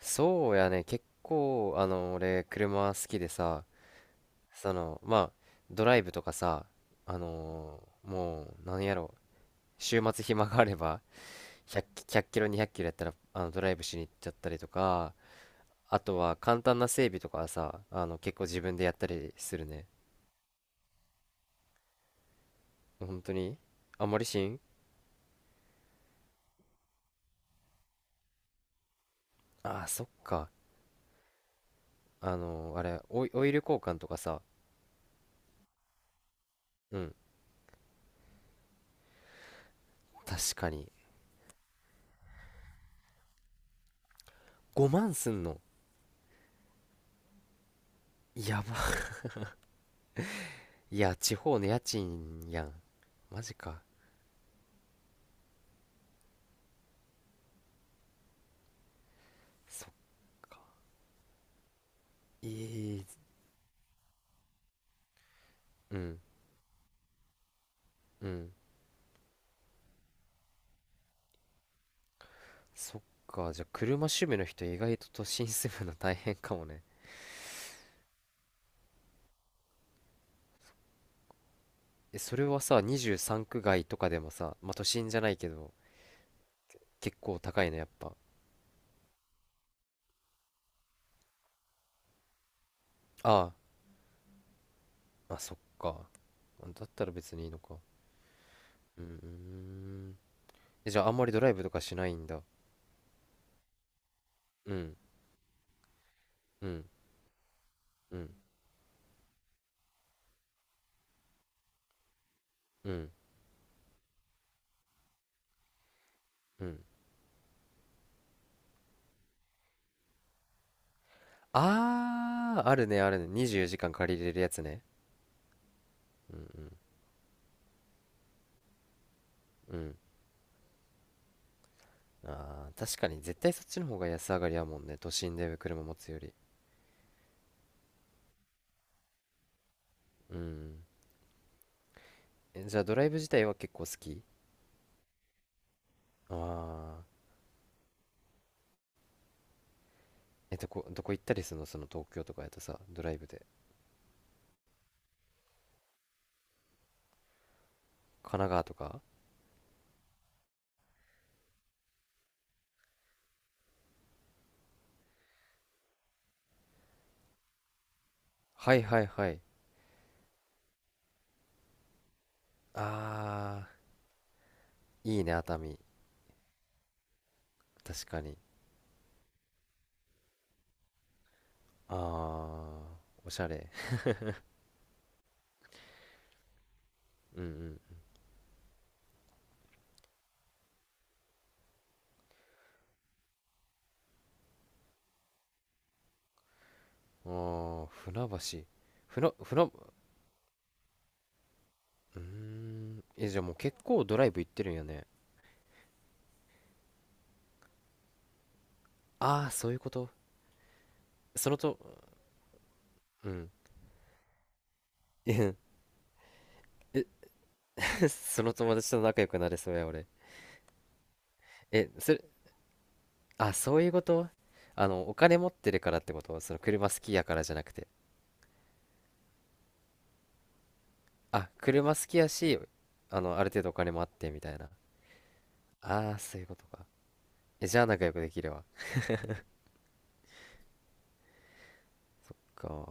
そうやね、結構、俺、車好きでさ、まあ、ドライブとかさ、あのもう、何やろ、週末暇があれば、100、ひゃっキロ、200キロやったら、ドライブしに行っちゃったりとか、あとは、簡単な整備とかはさ、結構自分でやったりするね。本当にあんまりしん。ああー、そっか。あのーあれ、オイ、オイル交換とかさ、うん、確かに。5万すんの。やば。いや、地方の家賃やん。マジか。そっか。えー、うん、うん。そっか。じゃあ、車趣味の人、意外と都心住むの大変かもね。え、それはさ、23区外とかでもさ、まあ、都心じゃないけど、結構高いの、やっぱ。ああ、まあ、そっか。だったら別にいいのか。うーん。え、じゃあ、あんまりドライブとかしないんだ。うん、うん、うん、うん、うん。あー、あるね、あるね。24時間借りれるやつね。うん、うん、うん。あー、確かに、絶対そっちの方が安上がりやもんね、都心で車持つより。うん。え、じゃあ、ドライブ自体は結構好き？ああー。え、どこ行ったりするの？東京とかやとさ、ドライブで。神奈川とか。はいはいはい。あー、いいね、熱海。確かに。あー、おしゃれ。うん。うん。ああ、船橋。船、うーん、え、じゃあ、もう結構ドライブ行ってるんやね？ああー、そういうこと。そのと、うん、え、 その友達と仲良くなれそうや、俺。え、それ、あ、そういうこと。お金持ってるからってことその車好きやからじゃなくて。あ、車好きやし、ある程度お金もあってみたいな。ああ、そういうことか。え、じゃあ仲良くできるわ。か。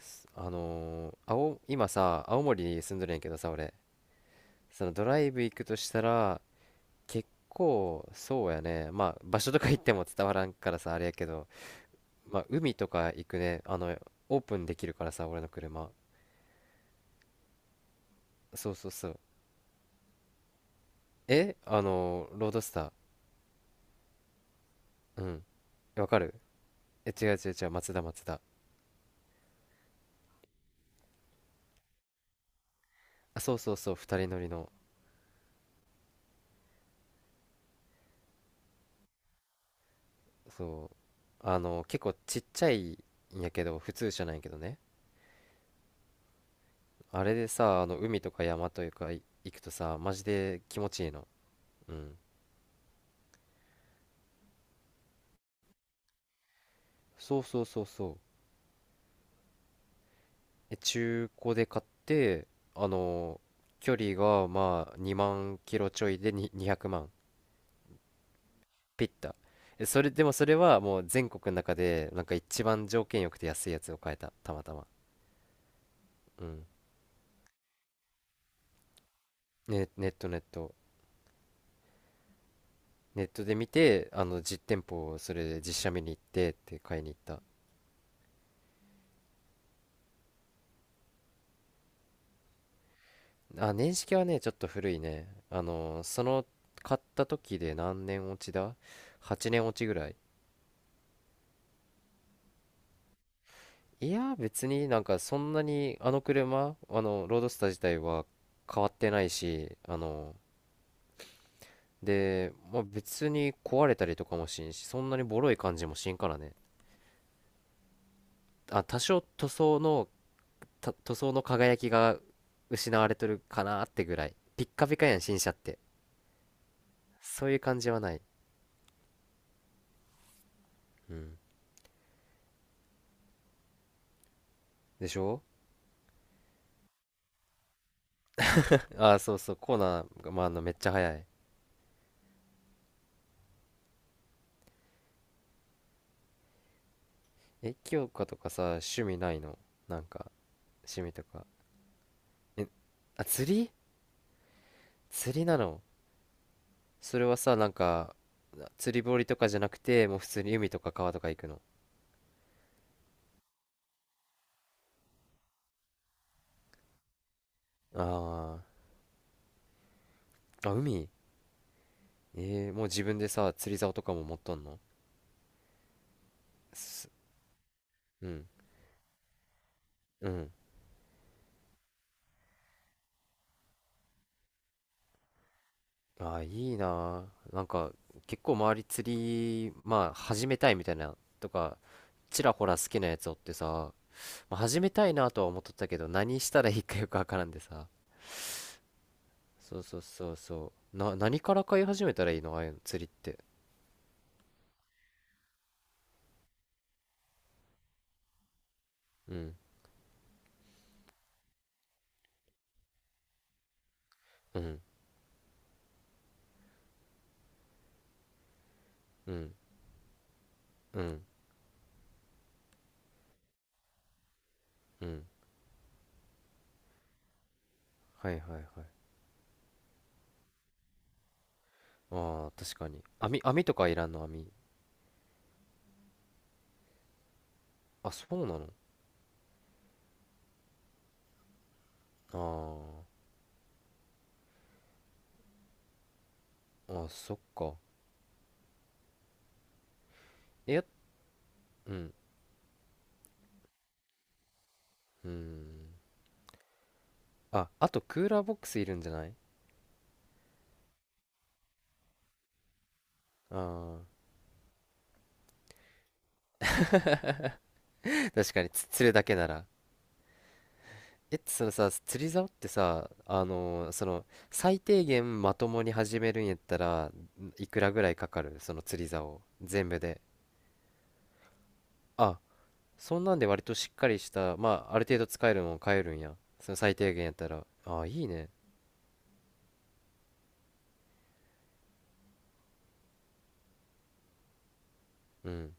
すあのー、青、今さ、青森に住んどるんやけどさ、俺。そのドライブ行くとしたら、結構、そうやね。まあ、場所とか行っても伝わらんからさ、あれやけど、まあ、海とか行くね。オープンできるからさ、俺の車。そうそうそう。え、ロードスター。うん。わかる。え、違う違う違う、松田松田。あ、そうそうそう、二人乗りの。そう。結構ちっちゃいんやけど、普通車なんやけどね。あれでさ、海とか山というか、行くとさ、マジで気持ちいいの。うん。そうそうそうそう。え、中古で買って、あの、距離がまあ2万キロちょいでに200万。ピッタえ、それでもそれはもう全国の中でなんか一番条件よくて安いやつを買えた、たまたま。うん、ね、ネットネット。ネットで見て実店舗をそれで実写見に行ってって買いに行った。あ、年式はね、ちょっと古いね、買った時で何年落ちだ？ 8 年落ちぐらい。いや、別になんかそんなに車ロードスター自体は変わってないしで、まあ、別に壊れたりとかもしんし、そんなにボロい感じもしんからね。あ、多少塗装の輝きが失われてるかなってぐらい。ピッカピカやん、新車って。そういう感じはない。うん。でしょ。あ、そうそう、コーナーが、まあ、めっちゃ早い。え、清香とかさ、趣味ないの？なんか、趣味とか。え、あ、釣り？釣りなの？それはさ、なんか、釣り堀とかじゃなくて、もう普通に海とか川とか行くの。あー、あ、海？えー、もう自分でさ、釣り竿とかも持っとんの？すうん、うん。ああ、いいなあ。なんか、結構周り釣り、まあ、始めたいみたいな、とか、ちらほら好きなやつおってさ、まあ、始めたいなとは思っとったけど、何したらいいかよくわからんでさ。そうそうそうそう。何から買い始めたらいいの？ああいうの、釣りって。うん、うん、うん、うん、うん。はいはいはい。ああ、確かに。網とかいらんの？網。あ、そうなの？ああー、あ、そっか。えやうん。うーん。ああ、と、クーラーボックスいるんじゃない？ああー、確かに、釣るだけなら。え、そのさ、釣り竿ってさ、その最低限まともに始めるんやったら、いくらぐらいかかる？その釣り竿全部で。あ、そんなんで割としっかりした、まあ、ある程度使えるのを買えるんや？その最低限やったら、あ、いいね。うん。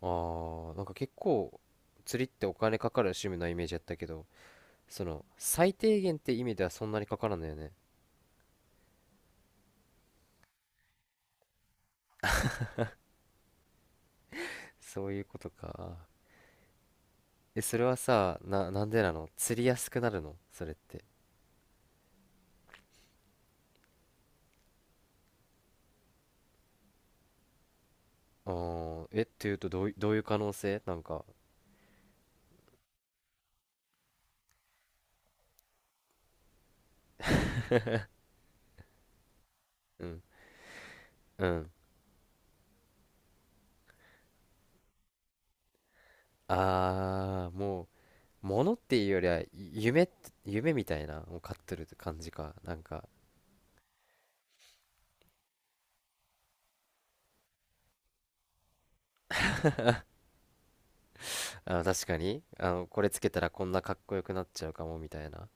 ああ、なんか結構釣りってお金かかる趣味のイメージやったけど、その最低限って意味ではそんなにかからんのよね。そういうことか。え、それはさ、なんでなの？釣りやすくなるのそれって。あー、え、っていうと、どういう可能性なんか。うん、うん、あー、もう物っていうよりは、夢って、夢みたいなを買ってるって感じかなんか。あー、確かに、これつけたらこんなかっこよくなっちゃうかもみたいな。